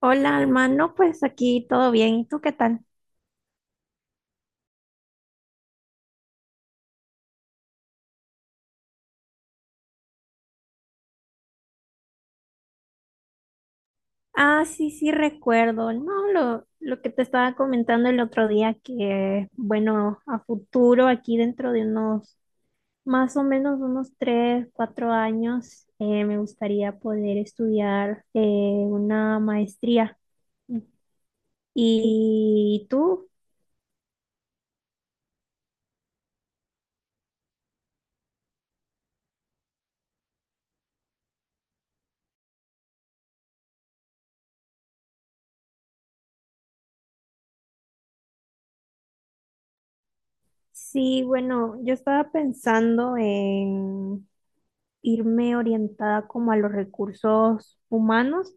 Hola, Alma. No, pues aquí todo bien. ¿Y tú qué tal? Ah, sí, sí, recuerdo. No, lo que te estaba comentando el otro día, que bueno, a futuro, aquí dentro de unos, más o menos unos tres, cuatro años, me gustaría poder estudiar una maestría. ¿Y tú? Sí, bueno, yo estaba pensando en irme orientada como a los recursos humanos.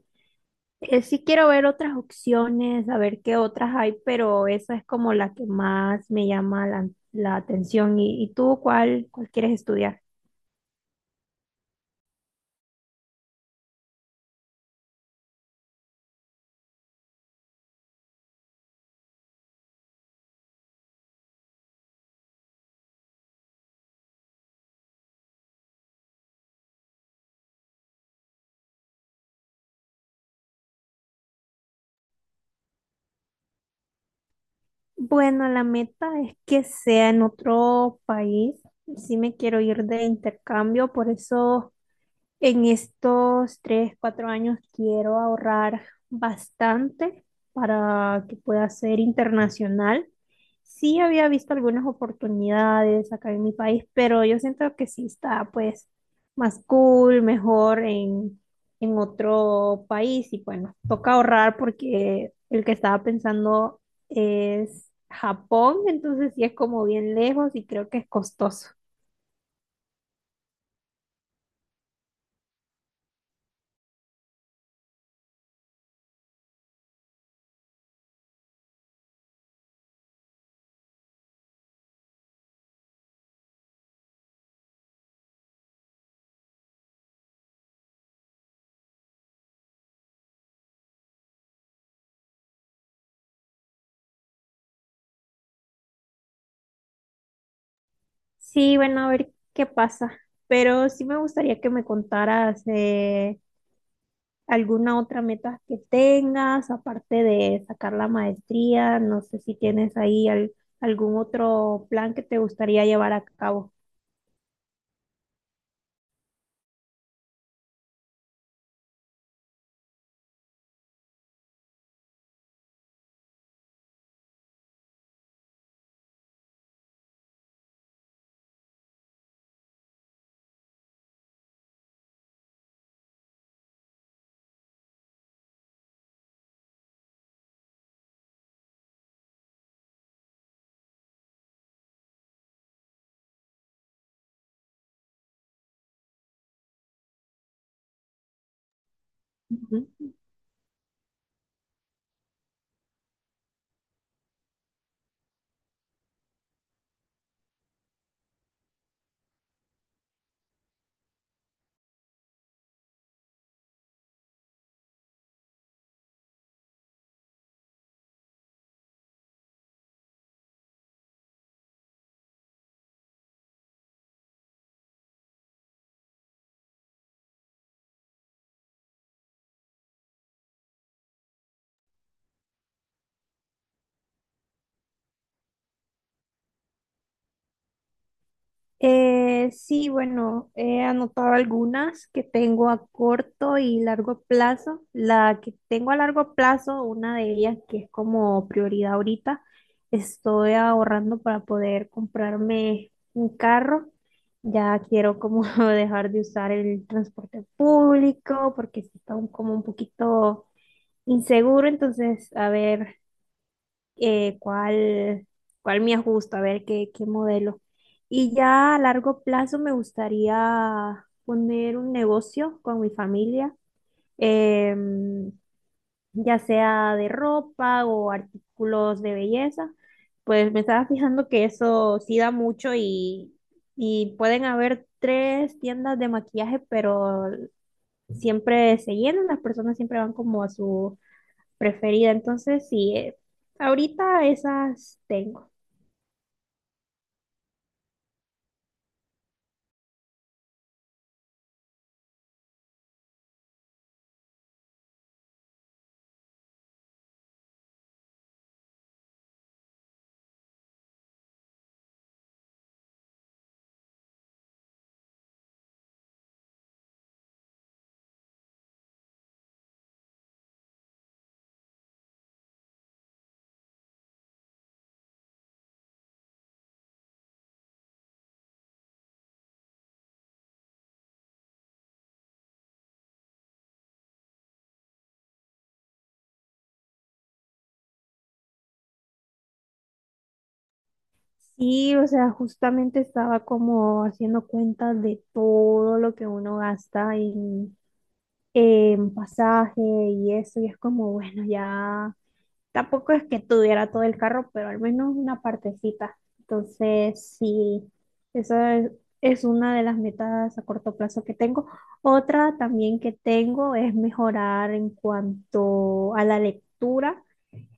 Sí quiero ver otras opciones, a ver qué otras hay, pero esa es como la que más me llama la atención. ¿Y tú cuál quieres estudiar? Bueno, la meta es que sea en otro país. Sí me quiero ir de intercambio, por eso en estos tres, cuatro años quiero ahorrar bastante para que pueda ser internacional. Sí había visto algunas oportunidades acá en mi país, pero yo siento que sí está pues más cool, mejor en otro país y bueno, toca ahorrar porque el que estaba pensando es Japón, entonces sí es como bien lejos y creo que es costoso. Sí, bueno, a ver qué pasa, pero sí me gustaría que me contaras alguna otra meta que tengas, aparte de sacar la maestría, no sé si tienes ahí algún otro plan que te gustaría llevar a cabo. Ujú. Sí, bueno, he anotado algunas que tengo a corto y largo plazo. La que tengo a largo plazo, una de ellas que es como prioridad ahorita, estoy ahorrando para poder comprarme un carro. Ya quiero como dejar de usar el transporte público porque sí está como un poquito inseguro, entonces a ver eh, cuál, cuál me ajusta, a ver qué modelo. Y ya a largo plazo me gustaría poner un negocio con mi familia, em, ya sea de ropa o artículos de belleza. Pues me estaba fijando que eso sí da mucho y pueden haber tres tiendas de maquillaje, pero siempre se llenan, las personas siempre van como a su preferida. Entonces, sí, ahorita esas tengo. Sí, o sea, justamente estaba como haciendo cuentas de todo lo que uno gasta en pasaje y eso, y es como, bueno, ya tampoco es que tuviera todo el carro, pero al menos una partecita. Entonces, sí, esa es una de las metas a corto plazo que tengo. Otra también que tengo es mejorar en cuanto a la lectura.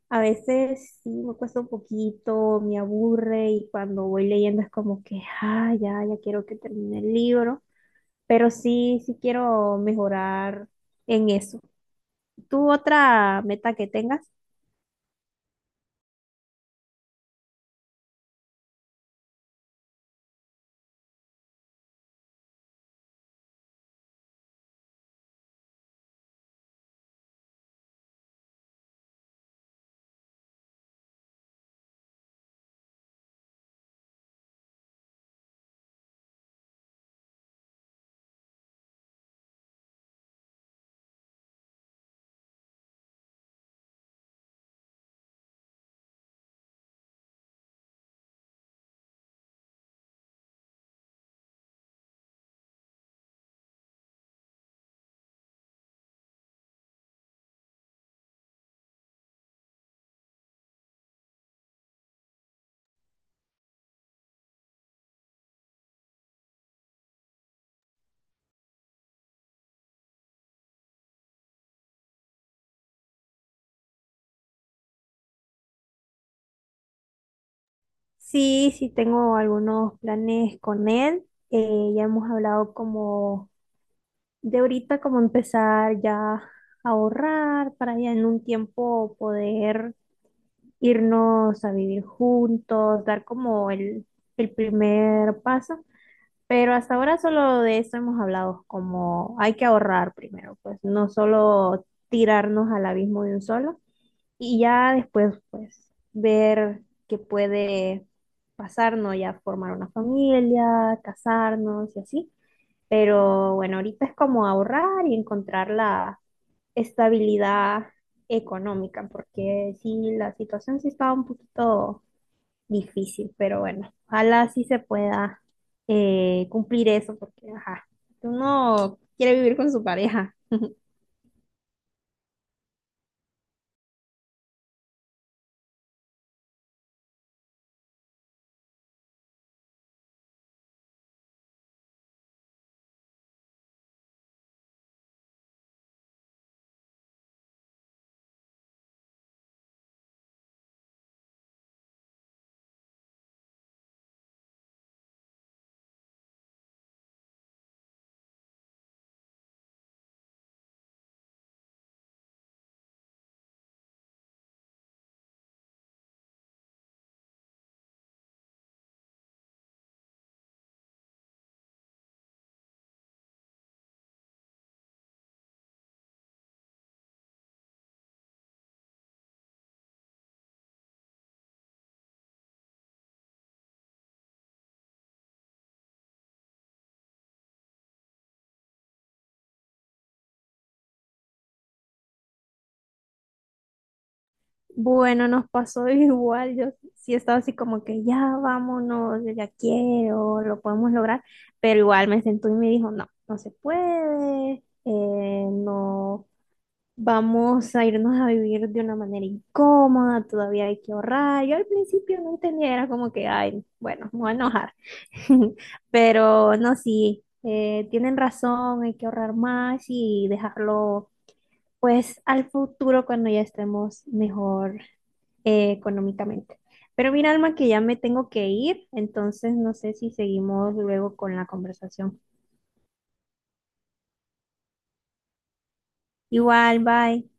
A veces sí me cuesta un poquito, me aburre y cuando voy leyendo es como que, ah, ya, ya quiero que termine el libro, pero sí, sí quiero mejorar en eso. ¿Tú otra meta que tengas? Sí, sí tengo algunos planes con él. Ya hemos hablado como de ahorita, como empezar ya a ahorrar para ya en un tiempo poder irnos a vivir juntos, dar como el primer paso. Pero hasta ahora solo de eso hemos hablado, como hay que ahorrar primero, pues no solo tirarnos al abismo de un solo y ya después pues ver qué puede pasarnos, ya formar una familia, casarnos y así. Pero bueno, ahorita es como ahorrar y encontrar la estabilidad económica, porque sí, la situación sí estaba un poquito difícil, pero bueno, ojalá sí se pueda cumplir eso, porque ajá, si uno quiere vivir con su pareja. Bueno, nos pasó igual, yo sí estaba así como que ya vámonos, yo ya quiero, lo podemos lograr, pero igual me sentó y me dijo, no, no se puede, no vamos a irnos a vivir de una manera incómoda, todavía hay que ahorrar. Yo al principio no entendía, era como que, ay, bueno, me voy a enojar. Pero no, sí, tienen razón, hay que ahorrar más y dejarlo pues al futuro cuando ya estemos mejor económicamente. Pero mira, Alma, que ya me tengo que ir, entonces no sé si seguimos luego con la conversación. Igual, bye.